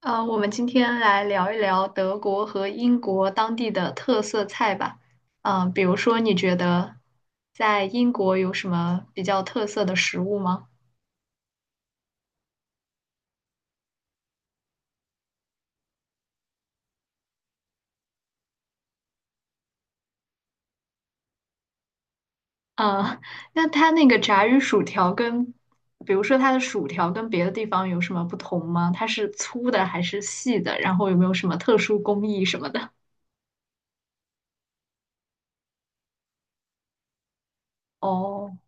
我们今天来聊一聊德国和英国当地的特色菜吧。比如说，你觉得在英国有什么比较特色的食物吗？嗯、那它那个炸鱼薯条跟，比如说它的薯条跟别的地方有什么不同吗？它是粗的还是细的？然后有没有什么特殊工艺什么的？哦，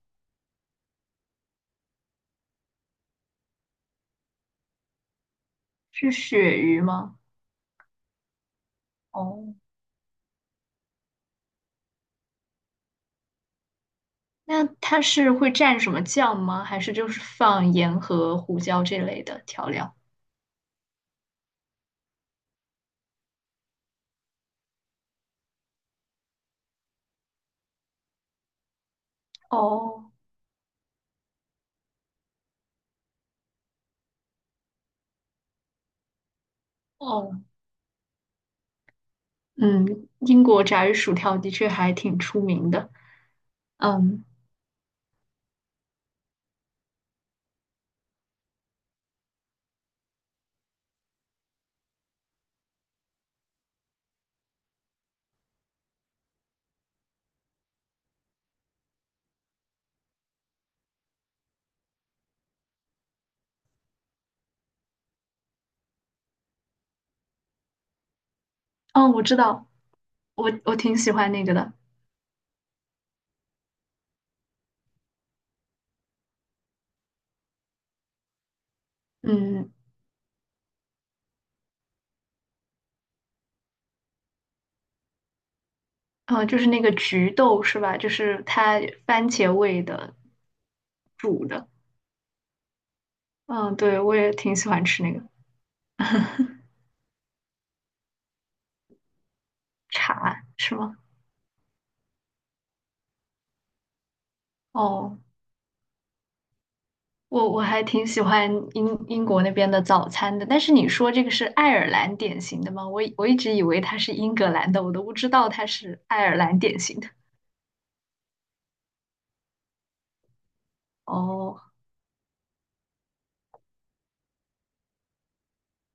是鳕鱼吗？哦，那它是会蘸什么酱吗？还是就是放盐和胡椒这类的调料？哦哦，嗯，英国炸鱼薯条的确还挺出名的。嗯，哦，我知道，我挺喜欢那个的。嗯，就是那个菊豆是吧？就是它番茄味的煮的。嗯，对，我也挺喜欢吃那个。 茶，是吗？哦，我还挺喜欢英国那边的早餐的。但是你说这个是爱尔兰典型的吗？我一直以为它是英格兰的，我都不知道它是爱尔兰典型的。哦。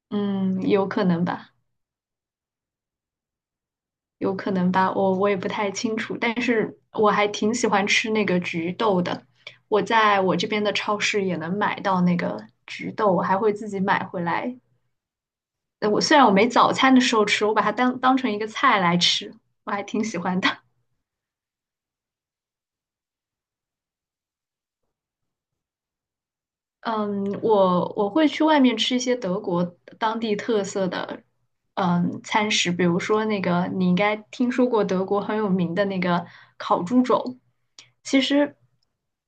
嗯，有可能吧，有可能吧，我也不太清楚，但是我还挺喜欢吃那个菊豆的，我在我这边的超市也能买到那个菊豆，我还会自己买回来。呃我虽然我没早餐的时候吃，我把它当成一个菜来吃，我还挺喜欢的。嗯，我会去外面吃一些德国当地特色的嗯餐食，比如说那个你应该听说过德国很有名的那个烤猪肘。其实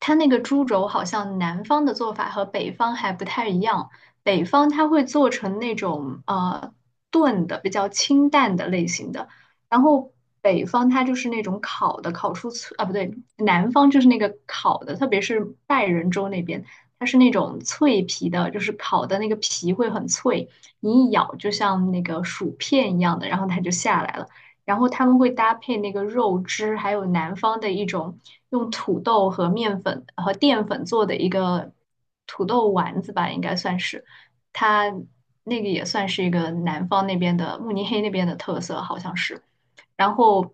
它那个猪肘好像南方的做法和北方还不太一样，北方它会做成那种炖的，比较清淡的类型的，然后北方它就是那种烤的，烤出脆啊不对，南方就是那个烤的，特别是拜仁州那边，它是那种脆皮的，就是烤的那个皮会很脆，你一咬就像那个薯片一样的，然后它就下来了。然后他们会搭配那个肉汁，还有南方的一种用土豆和面粉和淀粉做的一个土豆丸子吧，应该算是，它那个也算是一个南方那边的慕尼黑那边的特色，好像是。然后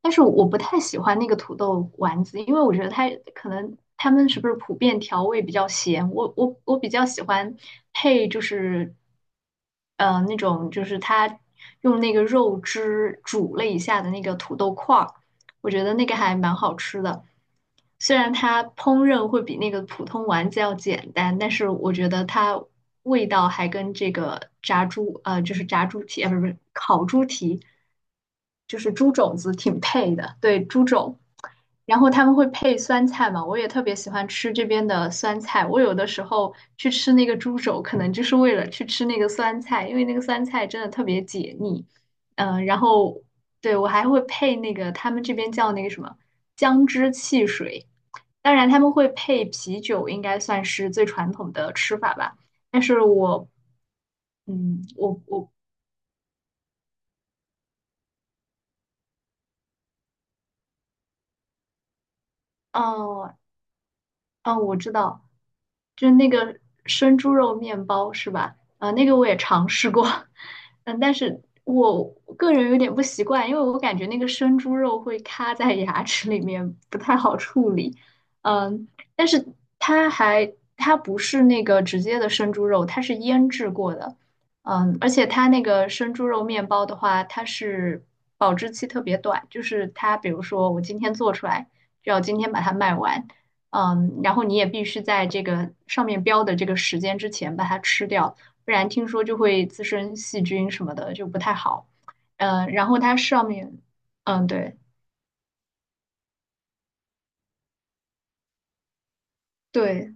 但是我不太喜欢那个土豆丸子，因为我觉得它可能他们是不是普遍调味比较咸，我比较喜欢配就是那种就是它用那个肉汁煮了一下的那个土豆块儿，我觉得那个还蛮好吃的。虽然它烹饪会比那个普通丸子要简单，但是我觉得它味道还跟这个炸猪就是炸猪蹄，不是烤猪蹄，就是猪肘子挺配的，对，猪肘。然后他们会配酸菜嘛，我也特别喜欢吃这边的酸菜。我有的时候去吃那个猪肘，可能就是为了去吃那个酸菜，因为那个酸菜真的特别解腻。然后对我还会配那个他们这边叫那个什么姜汁汽水，当然他们会配啤酒，应该算是最传统的吃法吧。但是我，嗯，我，哦哦，我知道，就那个生猪肉面包是吧？啊、那个我也尝试过。嗯，但是我个人有点不习惯，因为我感觉那个生猪肉会卡在牙齿里面，不太好处理。嗯，但是它还它不是那个直接的生猪肉，它是腌制过的。嗯，而且它那个生猪肉面包的话，它是保质期特别短，就是它比如说我今天做出来，就要今天把它卖完。嗯，然后你也必须在这个上面标的这个时间之前把它吃掉，不然听说就会滋生细菌什么的，就不太好。嗯，然后它上面，嗯，对对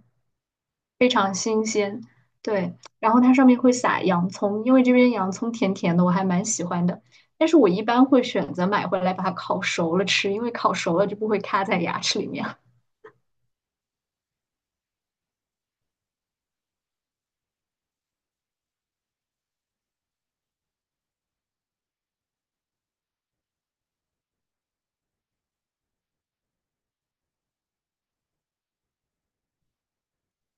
对，然后它上面会撒洋葱，因为这边洋葱甜甜的，我还蛮喜欢的。但是我一般会选择买回来把它烤熟了吃，因为烤熟了就不会卡在牙齿里面。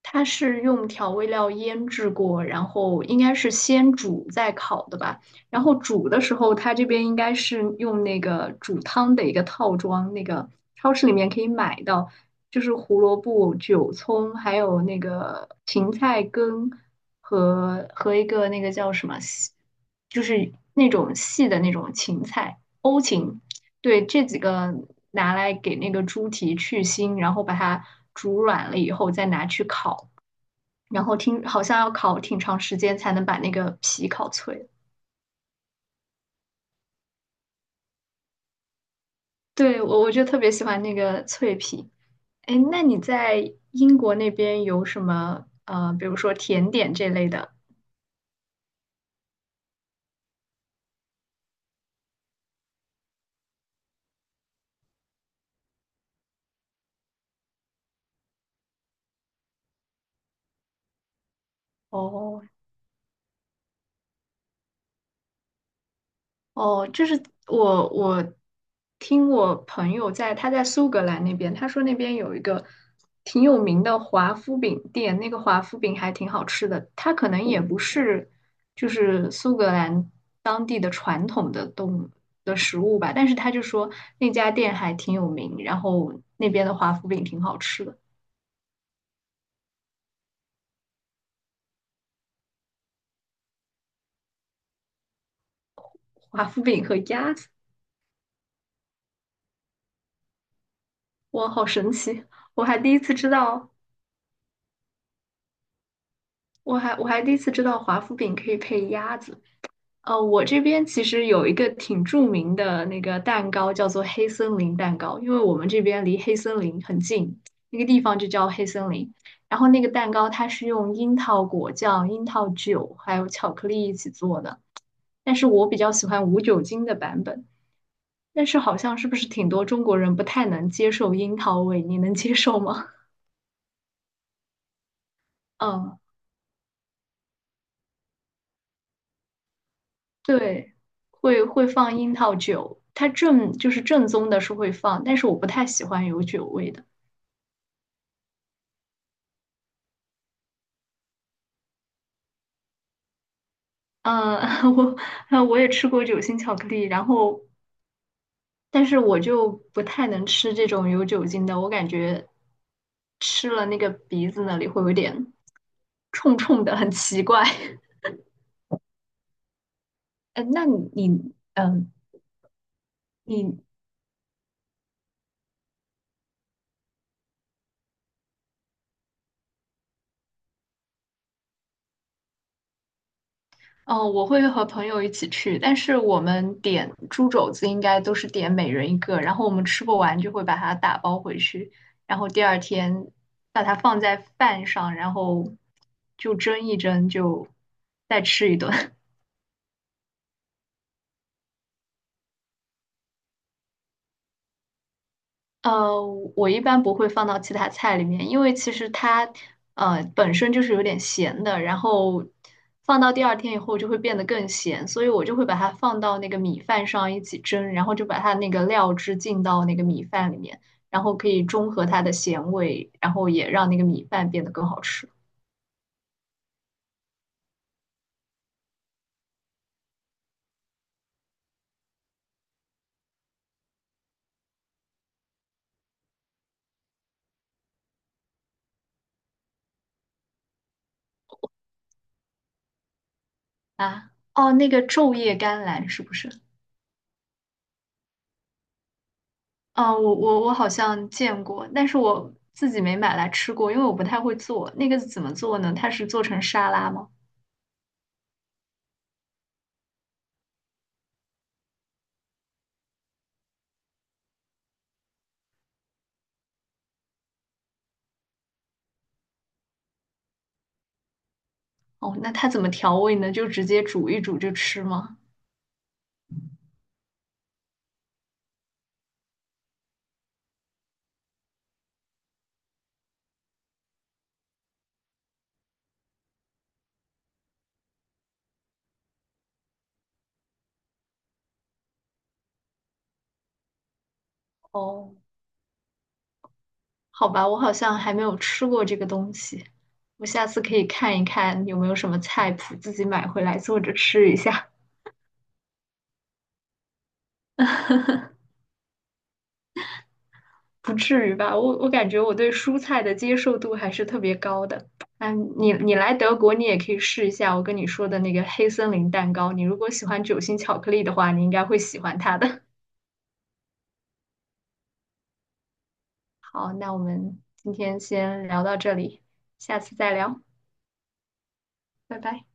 它是用调味料腌制过，然后应该是先煮再烤的吧。然后煮的时候，它这边应该是用那个煮汤的一个套装，那个超市里面可以买到，就是胡萝卜、韭葱，还有那个芹菜根和一个那个叫什么细就是那种细的那种芹菜，欧芹。对，这几个拿来给那个猪蹄去腥，然后把它煮软了以后再拿去烤。然后听好像要烤挺长时间才能把那个皮烤脆。对，我就特别喜欢那个脆皮。哎，那你在英国那边有什么比如说甜点这类的？哦哦，就是我听我朋友在他在苏格兰那边，他说那边有一个挺有名的华夫饼店，那个华夫饼还挺好吃的。它可能也不是就是苏格兰动的食物吧，但是他就说那家店还挺有名，然后那边的华夫饼挺好吃的，华夫饼和鸭子，哇，好神奇！我还第一次知道，我还第一次知道华夫饼可以配鸭子。呃，我这边其实有一个挺著名的那个蛋糕，叫做黑森林蛋糕，因为我们这边离黑森林很近，那个地方就叫黑森林。然后那个蛋糕它是用樱桃果酱、樱桃酒还有巧克力一起做的。但是我比较喜欢无酒精的版本。但是好像是不是挺多中国人不太能接受樱桃味？你能接受吗？嗯，对，会放樱桃酒，它正宗的是会放，但是我不太喜欢有酒味的。嗯，我也吃过酒心巧克力，然后但是我就不太能吃这种有酒精的，我感觉吃了那个鼻子那里会有点冲冲的，很奇怪。呃，那你嗯、呃你嗯，我会和朋友一起去，但是我们点猪肘子应该都是点每人一个，然后我们吃不完就会把它打包回去，然后第二天把它放在饭上，然后就蒸一蒸，就再吃一顿。呃，我一般不会放到其他菜里面，因为其实它本身就是有点咸的，然后放到第二天以后就会变得更咸，所以我就会把它放到那个米饭上一起蒸，然后就把它那个料汁浸到那个米饭里面，然后可以中和它的咸味，然后也让那个米饭变得更好吃啊。哦，那个昼夜甘蓝是不是？哦，我好像见过，但是我自己没买来吃过，因为我不太会做。那个怎么做呢？它是做成沙拉吗？哦，那它怎么调味呢？就直接煮一煮就吃吗？哦，好吧，我好像还没有吃过这个东西，我下次可以看一看有没有什么菜谱，自己买回来做着吃一下。不至于吧？我感觉我对蔬菜的接受度还是特别高的。嗯，你来德国，你也可以试一下我跟你说的那个黑森林蛋糕。你如果喜欢酒心巧克力的话，你应该会喜欢它的。好，那我们今天先聊到这里，下次再聊，拜拜。